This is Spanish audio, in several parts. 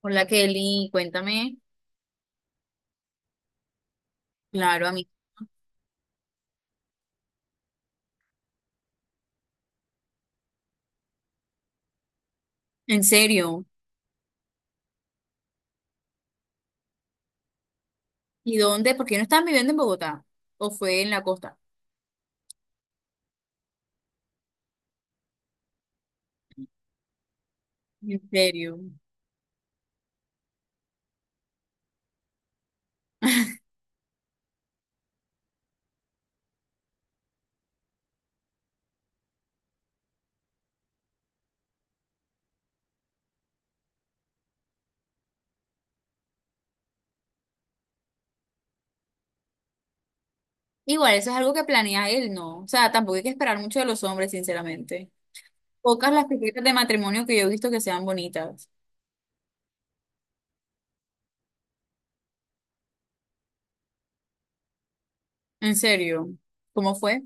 Hola Kelly, cuéntame. Claro, a mí. ¿En serio? ¿Y dónde? ¿Por qué no estaban viviendo en Bogotá? ¿O fue en la costa? ¿En serio? Igual, eso es algo que planea él, ¿no? O sea, tampoco hay que esperar mucho de los hombres, sinceramente. Pocas las propuestas de matrimonio que yo he visto que sean bonitas. En serio. ¿Cómo fue?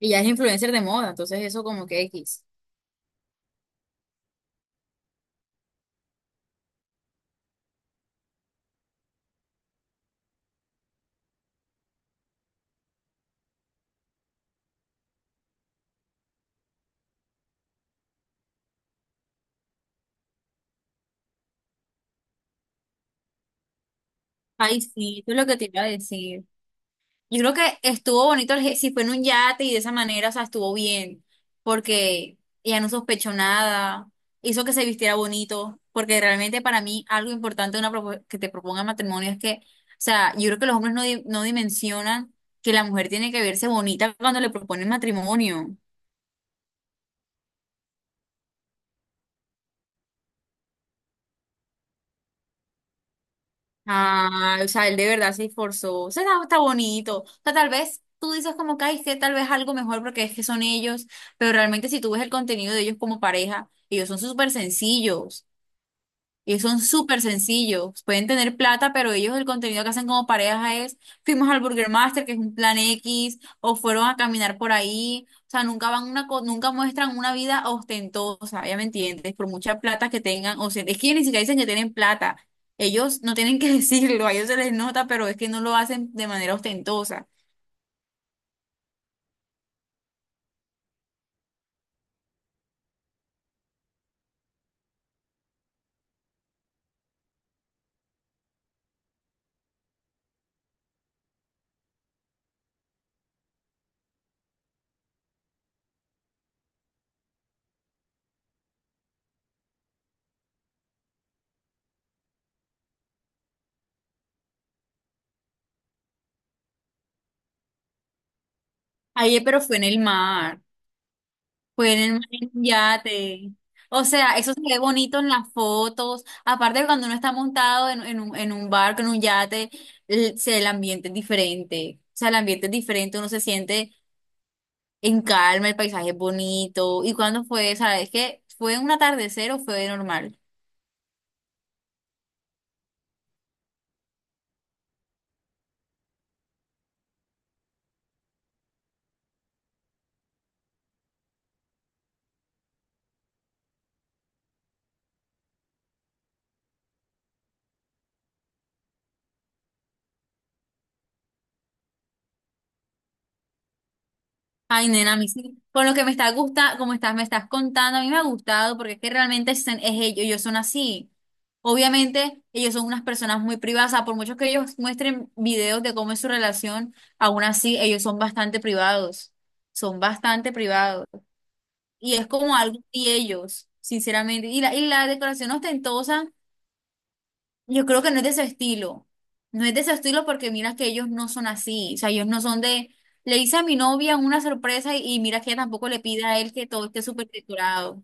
Ella es influencer de moda, entonces eso como que X. Ay, sí, eso es lo que te iba a decir. Yo creo que estuvo bonito si fue en un yate y de esa manera, o sea, estuvo bien, porque ella no sospechó nada, hizo que se vistiera bonito, porque realmente para mí algo importante de que te proponga matrimonio es que, o sea, yo creo que los hombres no dimensionan que la mujer tiene que verse bonita cuando le proponen matrimonio. Ah, o sea, él de verdad se esforzó. O sea, está bonito. O sea, tal vez tú dices como que "Ay, que tal vez algo mejor porque es que son ellos, pero realmente si tú ves el contenido de ellos como pareja, ellos son súper sencillos. Y son súper sencillos. Pueden tener plata, pero ellos el contenido que hacen como pareja es, fuimos al Burger Master, que es un plan X, o fueron a caminar por ahí. O sea, nunca van nunca muestran una vida ostentosa, ya me entiendes, por mucha plata que tengan. O sea, es que ellos ni siquiera dicen que tienen plata. Ellos no tienen que decirlo, a ellos se les nota, pero es que no lo hacen de manera ostentosa. Ayer, pero fue en el mar. Pueden en un yate. O sea, eso se ve bonito en las fotos. Aparte de cuando uno está montado en un barco, en un yate, el ambiente es diferente. O sea, el ambiente es diferente, uno se siente en calma, el paisaje es bonito. ¿Y cuándo fue? ¿Sabes qué? ¿Fue un atardecer o fue normal? Ay, nena, a mí sí. Con lo que me está gusta, como estás, me estás contando, a mí me ha gustado porque es que realmente es ellos, ellos son así. Obviamente, ellos son unas personas muy privadas, o sea, por mucho que ellos muestren videos de cómo es su relación, aún así ellos son bastante privados, son bastante privados. Y es como algo de ellos, sinceramente. Y la decoración ostentosa. Yo creo que no es de su estilo. No es de su estilo porque mira que ellos no son así. O sea, ellos no son de. Le hice a mi novia una sorpresa y mira que tampoco le pide a él que todo esté súper decorado.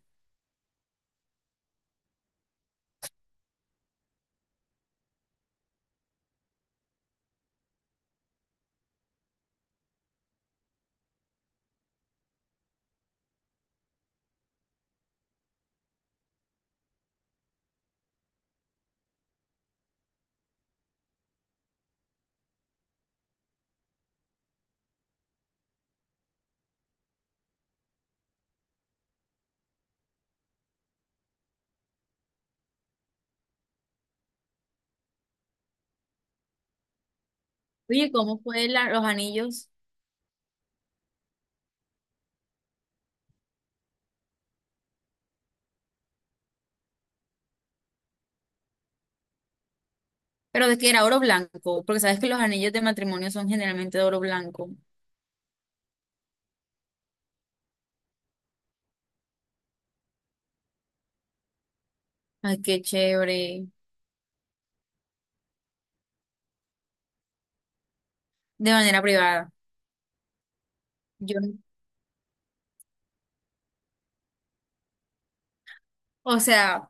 Oye, ¿cómo fue los anillos? Pero de que era oro blanco, porque sabes que los anillos de matrimonio son generalmente de oro blanco. Ay, qué chévere. De manera privada. Yo, o sea,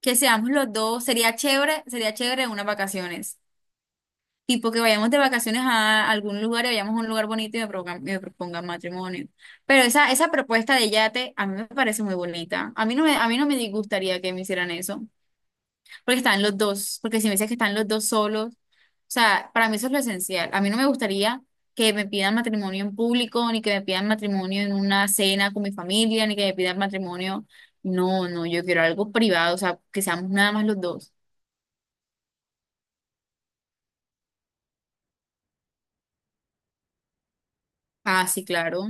que seamos los dos. Sería chévere en unas vacaciones. Tipo que vayamos de vacaciones a algún lugar y vayamos a un lugar bonito y me propongan matrimonio. Pero esa propuesta de yate a mí me parece muy bonita. A mí no me disgustaría que me hicieran eso, porque están los dos, porque si me dices que están los dos solos, o sea, para mí eso es lo esencial. A mí no me gustaría que me pidan matrimonio en público, ni que me pidan matrimonio en una cena con mi familia, ni que me pidan matrimonio. No, no, yo quiero algo privado, o sea, que seamos nada más los dos. Ah, sí, claro.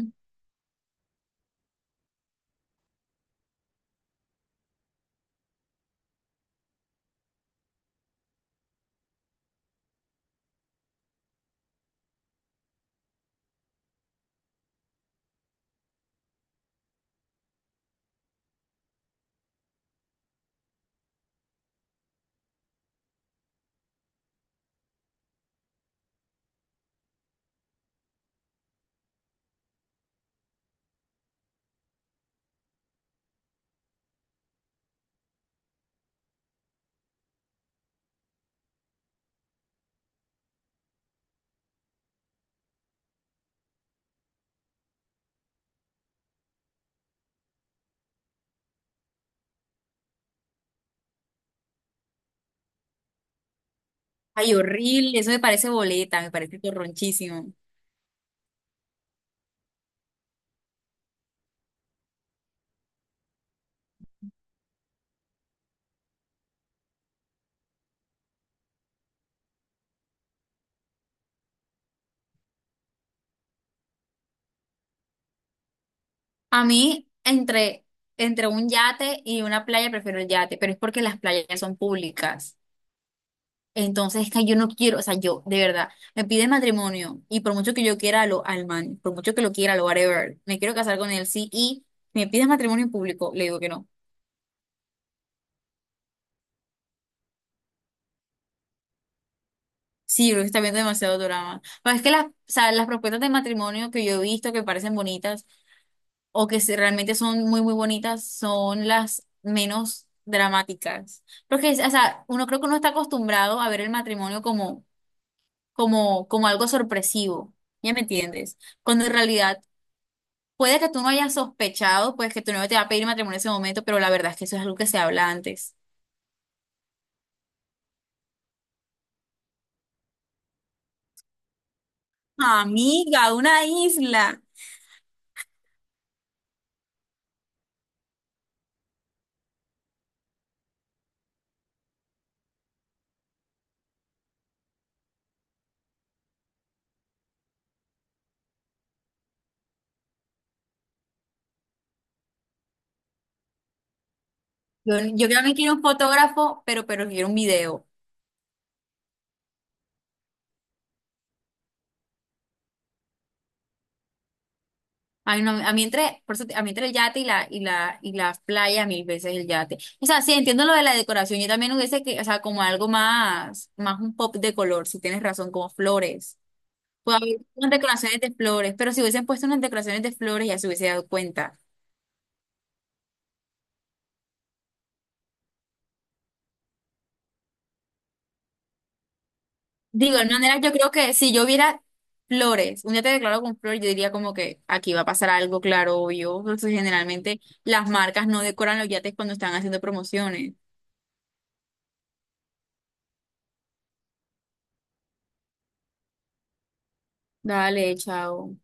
Ay, horrible, eso me parece boleta, me parece torronchísimo. A mí, entre un yate y una playa, prefiero el yate, pero es porque las playas son públicas. Entonces, es que yo no quiero, o sea, yo, de verdad, me pide matrimonio y por mucho que yo quiera lo, al man, por mucho que lo quiera, lo whatever, me quiero casar con él, sí, y me pide matrimonio en público, le digo que no. Sí, yo creo que está viendo demasiado drama. Pero es que las, o sea, las propuestas de matrimonio que yo he visto que parecen bonitas, o que si realmente son muy, muy bonitas, son las menos dramáticas. Porque, o sea, uno creo que uno está acostumbrado a ver el matrimonio como algo sorpresivo, ¿ya me entiendes? Cuando en realidad puede que tú no hayas sospechado, pues que tu novio te va a pedir matrimonio en ese momento, pero la verdad es que eso es algo que se habla antes. Amiga, una isla. Yo también quiero un fotógrafo, pero quiero un video. Ay, no, a mí entre, a mí entre el yate y la playa, mil veces el yate. O sea, sí, entiendo lo de la decoración. Yo también hubiese que, o sea, como algo más, más un pop de color, si tienes razón, como flores. Puede haber unas decoraciones de flores, pero si hubiesen puesto unas decoraciones de flores ya se hubiese dado cuenta. Digo, de manera, yo creo que si yo viera flores, un yate declarado con flores, yo diría como que aquí va a pasar algo, claro, obvio. Porque generalmente las marcas no decoran los yates cuando están haciendo promociones. Dale, chao.